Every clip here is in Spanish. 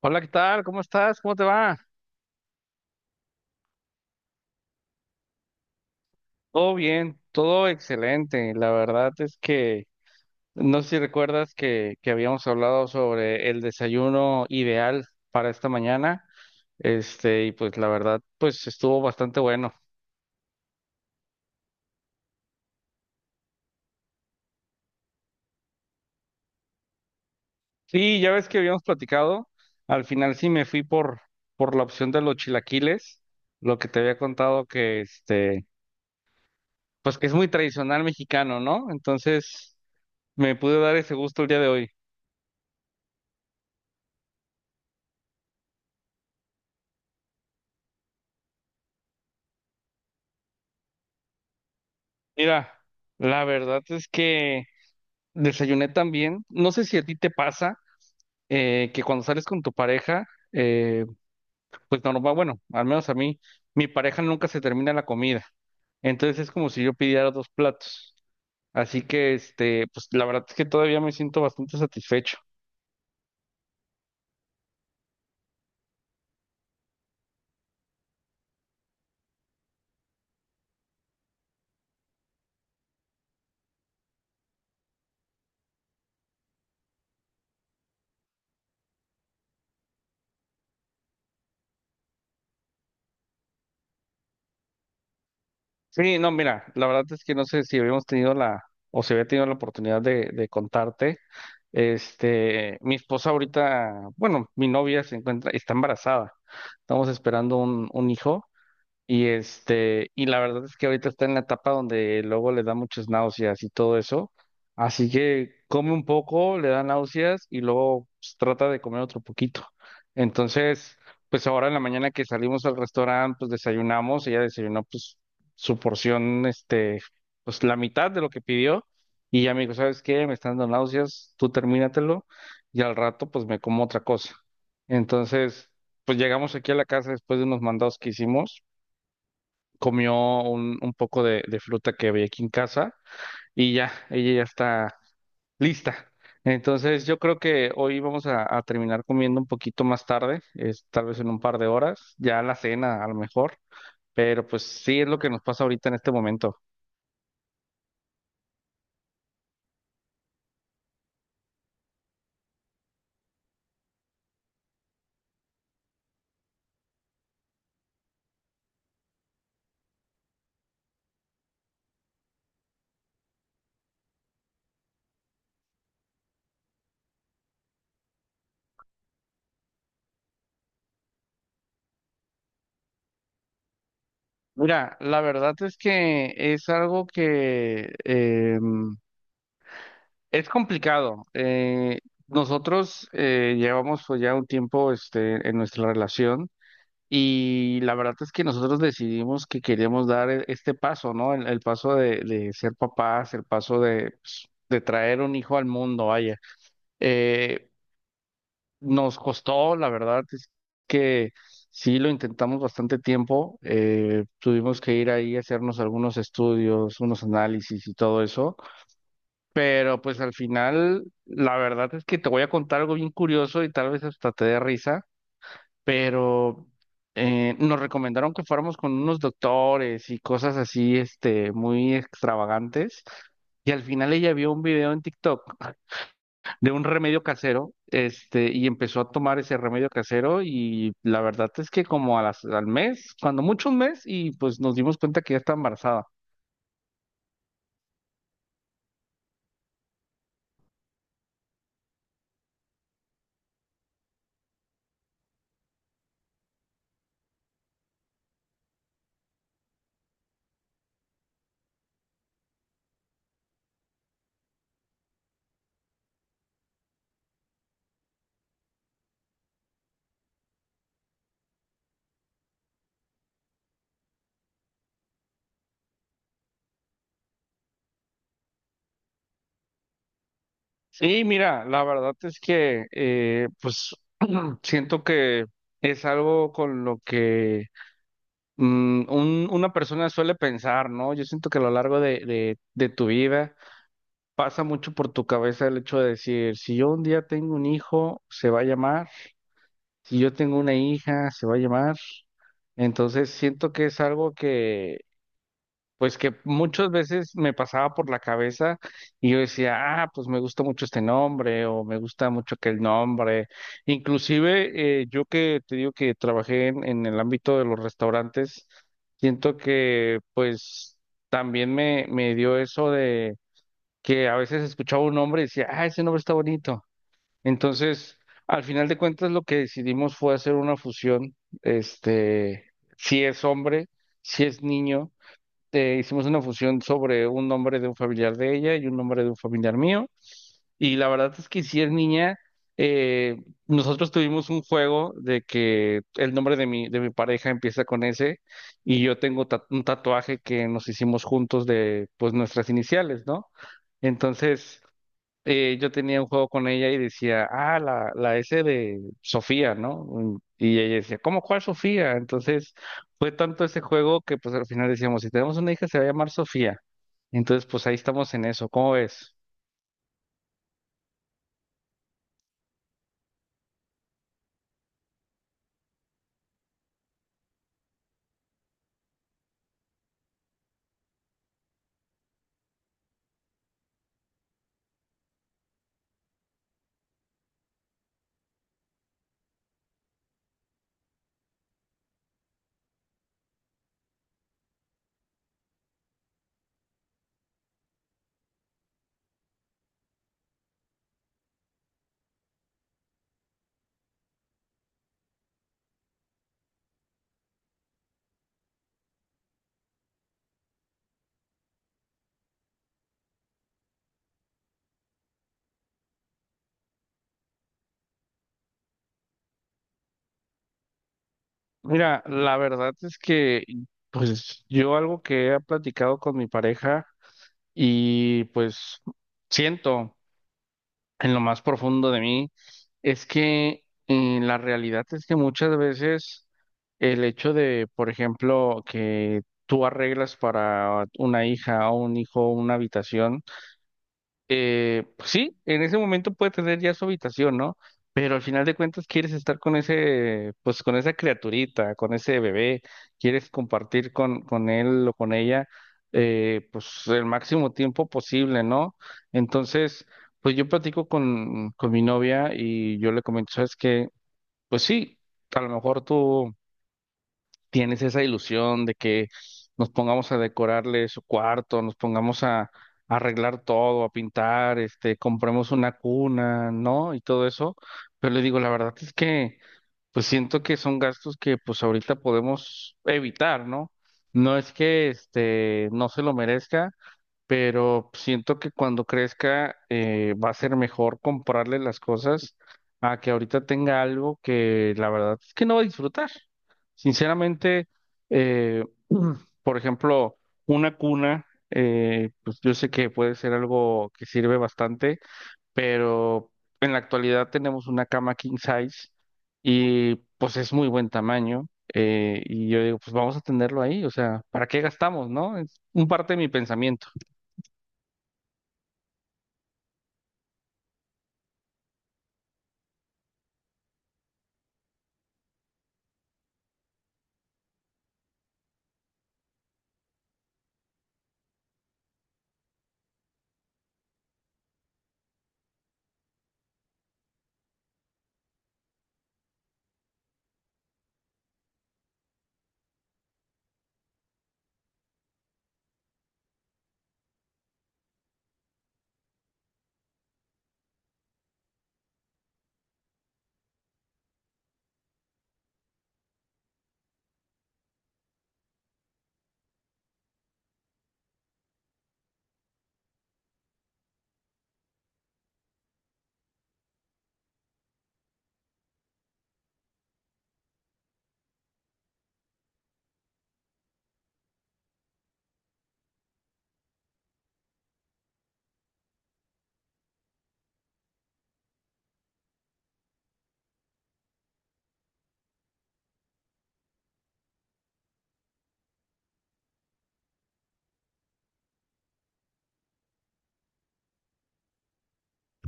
Hola, ¿qué tal? ¿Cómo estás? ¿Cómo te va? Todo bien, todo excelente. La verdad es que no sé si recuerdas que habíamos hablado sobre el desayuno ideal para esta mañana. Y pues la verdad, pues estuvo bastante bueno. Sí, ya ves que habíamos platicado. Al final sí me fui por la opción de los chilaquiles, lo que te había contado que pues que es muy tradicional mexicano, ¿no? Entonces me pude dar ese gusto el día de hoy. Mira, la verdad es que desayuné también. No sé si a ti te pasa que cuando sales con tu pareja, eh, pues normal, bueno, al menos a mí, mi pareja nunca se termina la comida. Entonces es como si yo pidiera dos platos. Así que, pues la verdad es que todavía me siento bastante satisfecho. Sí, no, mira, la verdad es que no sé si habíamos tenido o si había tenido la oportunidad de contarte. Este, mi esposa ahorita, bueno, mi novia se encuentra, está embarazada. Estamos esperando un hijo. Y la verdad es que ahorita está en la etapa donde luego le da muchas náuseas y todo eso. Así que come un poco, le da náuseas y luego pues, trata de comer otro poquito. Entonces, pues ahora en la mañana que salimos al restaurante, pues desayunamos, ella desayunó pues su porción, pues la mitad de lo que pidió. Y ya me dijo, ¿sabes qué? Me están dando náuseas, tú termínatelo y al rato pues me como otra cosa. Entonces, pues llegamos aquí a la casa después de unos mandados que hicimos comió un poco de fruta que había aquí en casa y ya, ella ya está lista. Entonces yo creo que hoy vamos a terminar comiendo un poquito más tarde, es, tal vez en un par de horas, ya la cena a lo mejor, pero pues sí es lo que nos pasa ahorita en este momento. Mira, la verdad es que es algo que es complicado. Nosotros llevamos pues, ya un tiempo en nuestra relación. Y la verdad es que nosotros decidimos que queríamos dar este paso, ¿no? El paso de ser papás, el paso de, pues, de traer un hijo al mundo, vaya. Eh, Nos costó, la verdad es que sí lo intentamos bastante tiempo. Tuvimos que ir ahí a hacernos algunos estudios, unos análisis y todo eso. Pero pues al final, la verdad es que te voy a contar algo bien curioso y tal vez hasta te dé risa pero nos recomendaron que fuéramos con unos doctores y cosas así, muy extravagantes. Y al final ella vio un video en TikTok de un remedio casero, y empezó a tomar ese remedio casero y la verdad es que como a al mes, cuando mucho un mes, y pues nos dimos cuenta que ya está embarazada. Sí, mira, la verdad es que pues siento que es algo con lo que una persona suele pensar, ¿no? Yo siento que a lo largo de tu vida pasa mucho por tu cabeza el hecho de decir, si yo un día tengo un hijo, se va a llamar, si yo tengo una hija, se va a llamar. Entonces siento que es algo que pues que muchas veces me pasaba por la cabeza y yo decía, ah, pues me gusta mucho este nombre o me gusta mucho aquel nombre. Inclusive yo que te digo que trabajé en el ámbito de los restaurantes, siento que pues también me dio eso de que a veces escuchaba un nombre y decía, ah, ese nombre está bonito. Entonces, al final de cuentas lo que decidimos fue hacer una fusión, este, si es hombre, si es niño hicimos una fusión sobre un nombre de un familiar de ella y un nombre de un familiar mío. Y la verdad es que si es niña, eh, nosotros tuvimos un juego de que el nombre de de mi pareja empieza con S y yo tengo un tatuaje que nos hicimos juntos de pues nuestras iniciales, ¿no? Entonces, yo tenía un juego con ella y decía, ah, la S de Sofía, ¿no? Mm, y ella decía, ¿cómo cuál Sofía? Entonces fue tanto ese juego que pues al final decíamos, si tenemos una hija se va a llamar Sofía. Entonces pues ahí estamos en eso, ¿cómo ves? Mira, la verdad es que pues yo algo que he platicado con mi pareja y pues siento, en lo más profundo de mí es que la realidad es que muchas veces el hecho de, por ejemplo, que tú arreglas para una hija o un hijo una habitación, pues sí, en ese momento puede tener ya su habitación, ¿no? Pero al final de cuentas quieres estar con ese, pues con esa criaturita, con ese bebé, quieres compartir con él o con ella, pues el máximo tiempo posible, ¿no? Entonces, pues yo platico con mi novia y yo le comento, ¿sabes qué? Pues sí, a lo mejor tú tienes esa ilusión de que nos pongamos a decorarle su cuarto, nos pongamos a arreglar todo, a pintar, compremos una cuna, ¿no? Y todo eso. Pero le digo, la verdad es que, pues siento que son gastos que pues ahorita podemos evitar, ¿no? No es que este no se lo merezca, pero siento que cuando crezca va a ser mejor comprarle las cosas a que ahorita tenga algo que la verdad es que no va a disfrutar. Sinceramente, eh, por ejemplo, una cuna, pues yo sé que puede ser algo que sirve bastante, pero en la actualidad tenemos una cama king size y pues es muy buen tamaño. Y yo digo, pues vamos a tenerlo ahí, o sea, ¿para qué gastamos, no? Es un parte de mi pensamiento.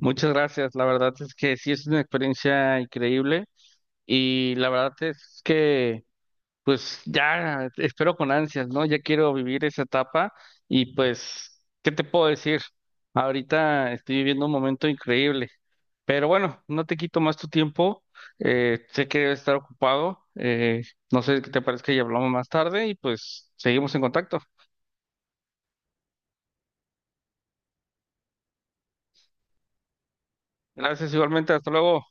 Muchas gracias. La verdad es que sí es una experiencia increíble y la verdad es que pues ya espero con ansias, ¿no? Ya quiero vivir esa etapa y pues, ¿qué te puedo decir? Ahorita estoy viviendo un momento increíble, pero bueno, no te quito más tu tiempo. Sé que debes estar ocupado. No sé qué te parece que ya hablamos más tarde y pues seguimos en contacto. Gracias igualmente. Hasta luego.